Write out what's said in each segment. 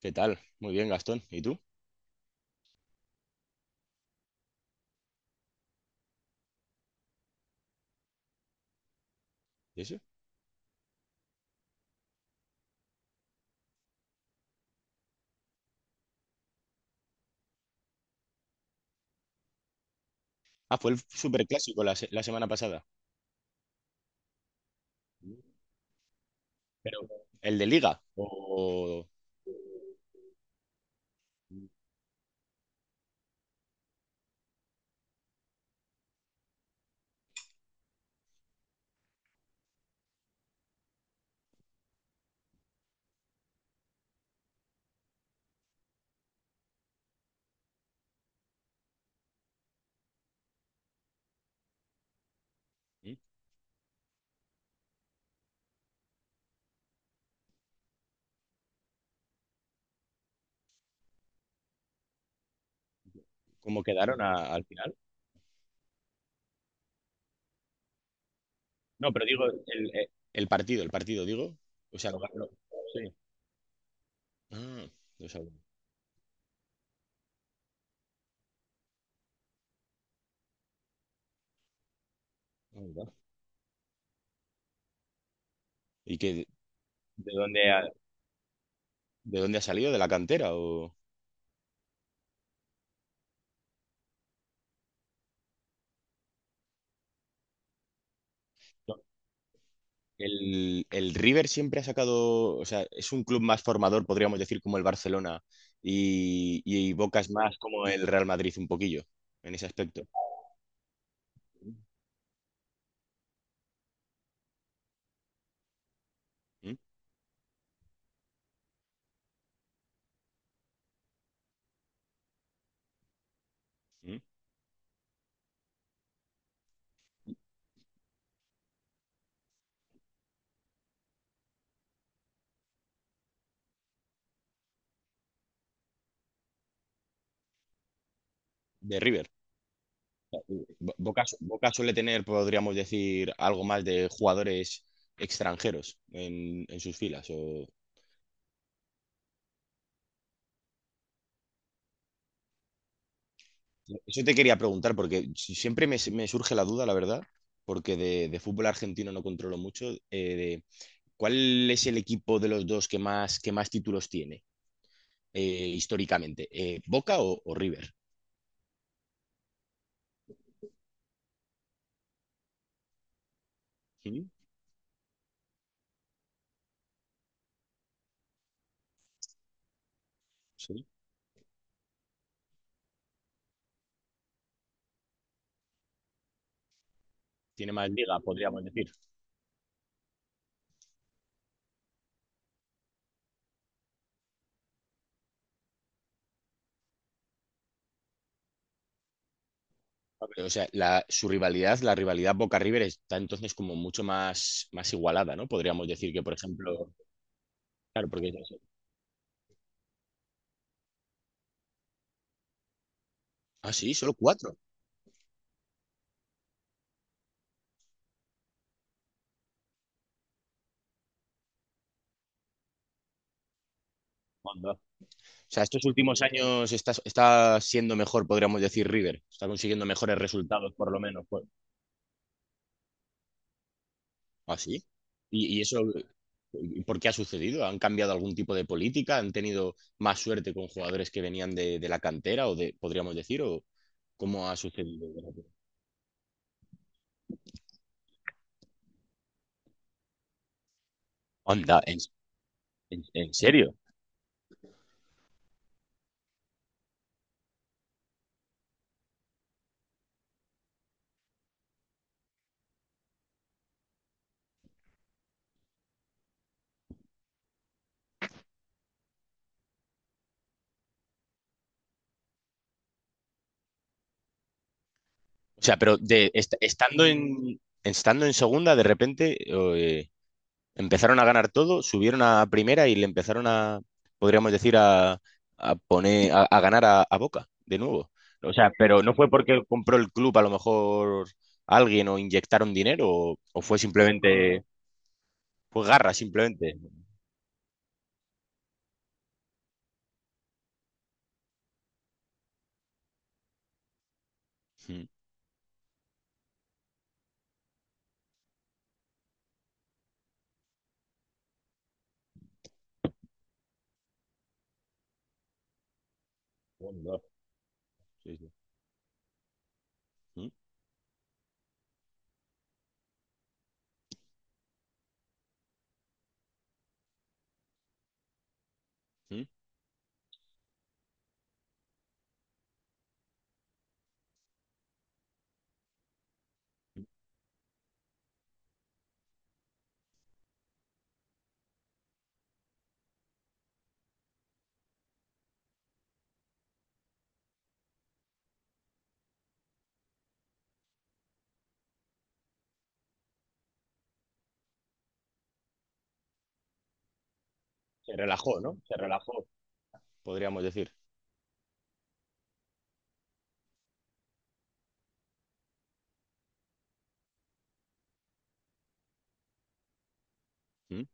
¿Qué tal? Muy bien, Gastón. ¿Y tú? ¿Y eso? Ah, fue el superclásico la semana pasada. Pero, ¿el de Liga? ¿O ¿Mm? ¿Cómo quedaron al final? No, pero digo, el partido, digo. O sea, lo ganó. Sí. Ah, no sabía. Ah, mira. ¿Y qué, de dónde ha, de dónde ha salido? ¿De la cantera? ¿O...? El River siempre ha sacado, o sea, es un club más formador, podríamos decir, como el Barcelona, y Boca es más como el Real Madrid un poquillo, en ese aspecto. ¿Mm? ¿Mm? De River. Boca, Boca suele tener, podríamos decir, algo más de jugadores extranjeros en sus filas. O- Eso te quería preguntar, porque siempre me, me surge la duda, la verdad, porque de fútbol argentino no controlo mucho, de cuál es el equipo de los dos que más títulos tiene. Históricamente, Boca o River. Sí, sí. Tiene más liga, podríamos decir. O sea, su rivalidad, la rivalidad Boca-River está entonces como mucho más, más igualada, ¿no? Podríamos decir que, por ejemplo, claro, porque... es eso. Ah, sí, solo cuatro. Onda. O sea, estos últimos años está, está siendo mejor, podríamos decir, River. Está consiguiendo mejores resultados, por lo menos, pues. Ah, sí. Y eso ¿por qué ha sucedido? ¿Han cambiado algún tipo de política? ¿Han tenido más suerte con jugadores que venían de la cantera o de, podríamos decir, o cómo ha sucedido? Onda, en, en serio. O sea, pero de, estando en, estando en segunda, de repente empezaron a ganar todo, subieron a primera y le empezaron a, podríamos decir, a poner, a ganar a Boca de nuevo. O sea, pero no fue porque compró el club a lo mejor alguien o inyectaron dinero o fue simplemente pues garra, simplemente. Sí, sí. Mm, mm, mm. Se relajó, ¿no? Se relajó, podríamos decir. Mm,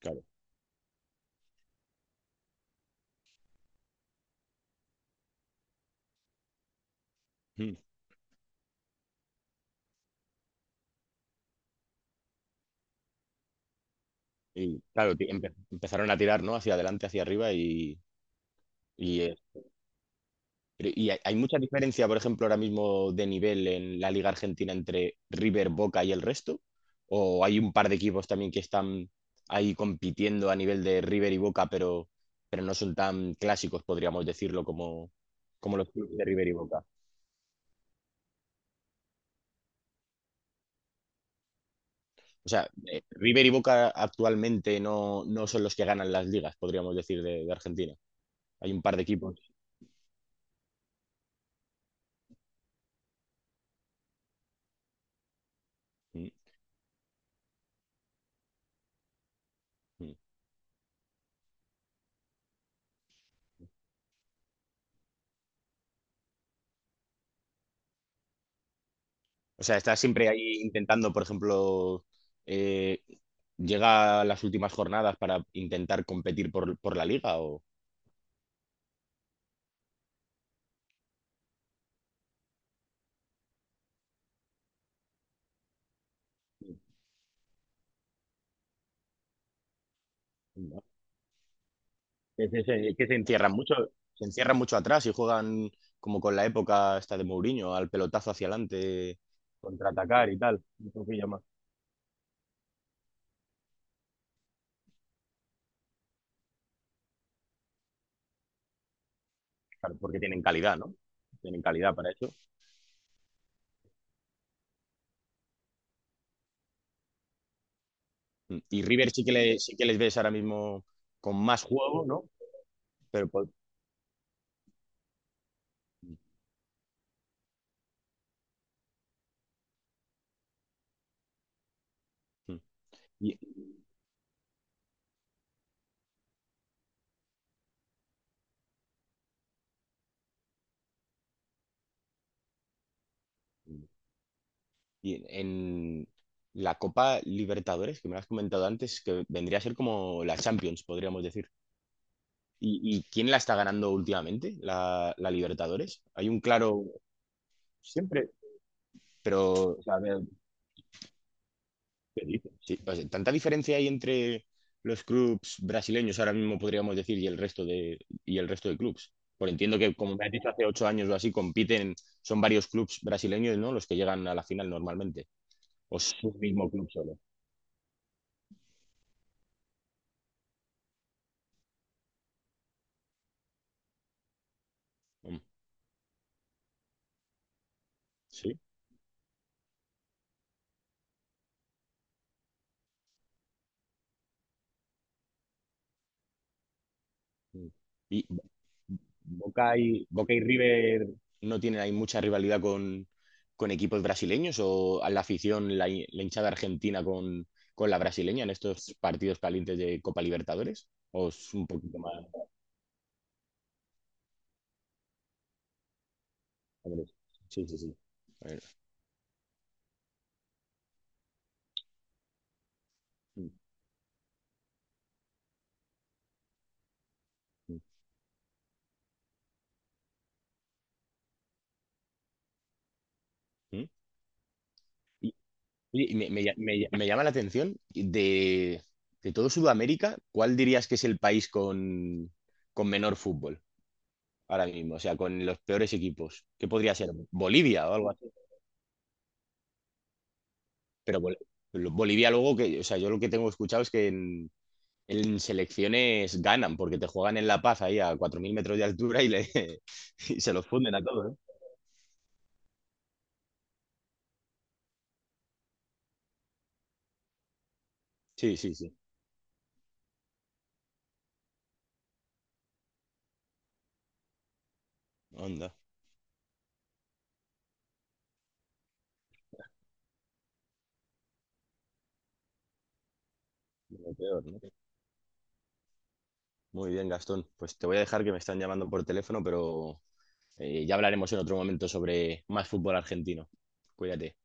claro. Mm. Y claro, empezaron a tirar, ¿no? Hacia adelante, hacia arriba y, pero- y hay mucha diferencia, por ejemplo, ahora mismo de nivel en la Liga Argentina entre River, Boca y el resto. ¿O hay un par de equipos también que están ahí compitiendo a nivel de River y Boca, pero no son tan clásicos, podríamos decirlo, como, como los clubes de River y Boca? O sea, River y Boca actualmente no, no son los que ganan las ligas, podríamos decir, de Argentina. Hay un par de equipos. Mm, mm. O sea, está siempre ahí intentando, por ejemplo, eh, llega a las últimas jornadas para intentar competir por la liga o ¿no? Es ese- que se encierran mucho atrás y juegan como con la época esta de Mourinho, al pelotazo hacia adelante, contraatacar y tal. Un poquillo más. Claro, porque tienen calidad, ¿no? Tienen calidad para eso. Mm. Y River sí que, sí que les ves ahora mismo con más juego, ¿no? Pero po- Mm. Y, y en la Copa Libertadores, que me lo has comentado antes, que vendría a ser como la Champions, podríamos decir. Y quién la está ganando últimamente? La, la Libertadores. Hay un claro siempre, pero o sea, ¿qué dices? Sí, o sea, ¿tanta diferencia hay entre los clubs brasileños ahora mismo, podríamos decir, y el resto de, y el resto de clubs? Por entiendo que, como me has dicho, hace 8 años o así compiten, son varios clubs brasileños, ¿no? Los que llegan a la final normalmente. O es un mismo club solo. Mm, sí. Mm. Y, Boca y, Boca y River no tienen ahí mucha rivalidad con equipos brasileños o a la afición, la, la hinchada argentina con la brasileña en estos partidos calientes de Copa Libertadores? ¿O es un poquito más? Sí, sí, sí. A ver. Mm, mm, mm. Y, y me, me llama la atención de todo Sudamérica, ¿cuál dirías que es el país con menor fútbol ahora mismo? O sea, con los peores equipos. ¿Qué podría ser? ¿Bolivia o algo pero Bol- Bolivia luego, que, o sea, yo lo que tengo escuchado es que en selecciones ganan, porque te juegan en La Paz ahí a 4.000 metros de altura y, le, y se los funden a todos, ¿eh? Sí, sí, sí. Onda. Lo peor, ¿no? Muy bien, Gastón. Pues te voy a dejar que me están llamando por teléfono, pero ya hablaremos en otro momento sobre más fútbol argentino. Cuídate.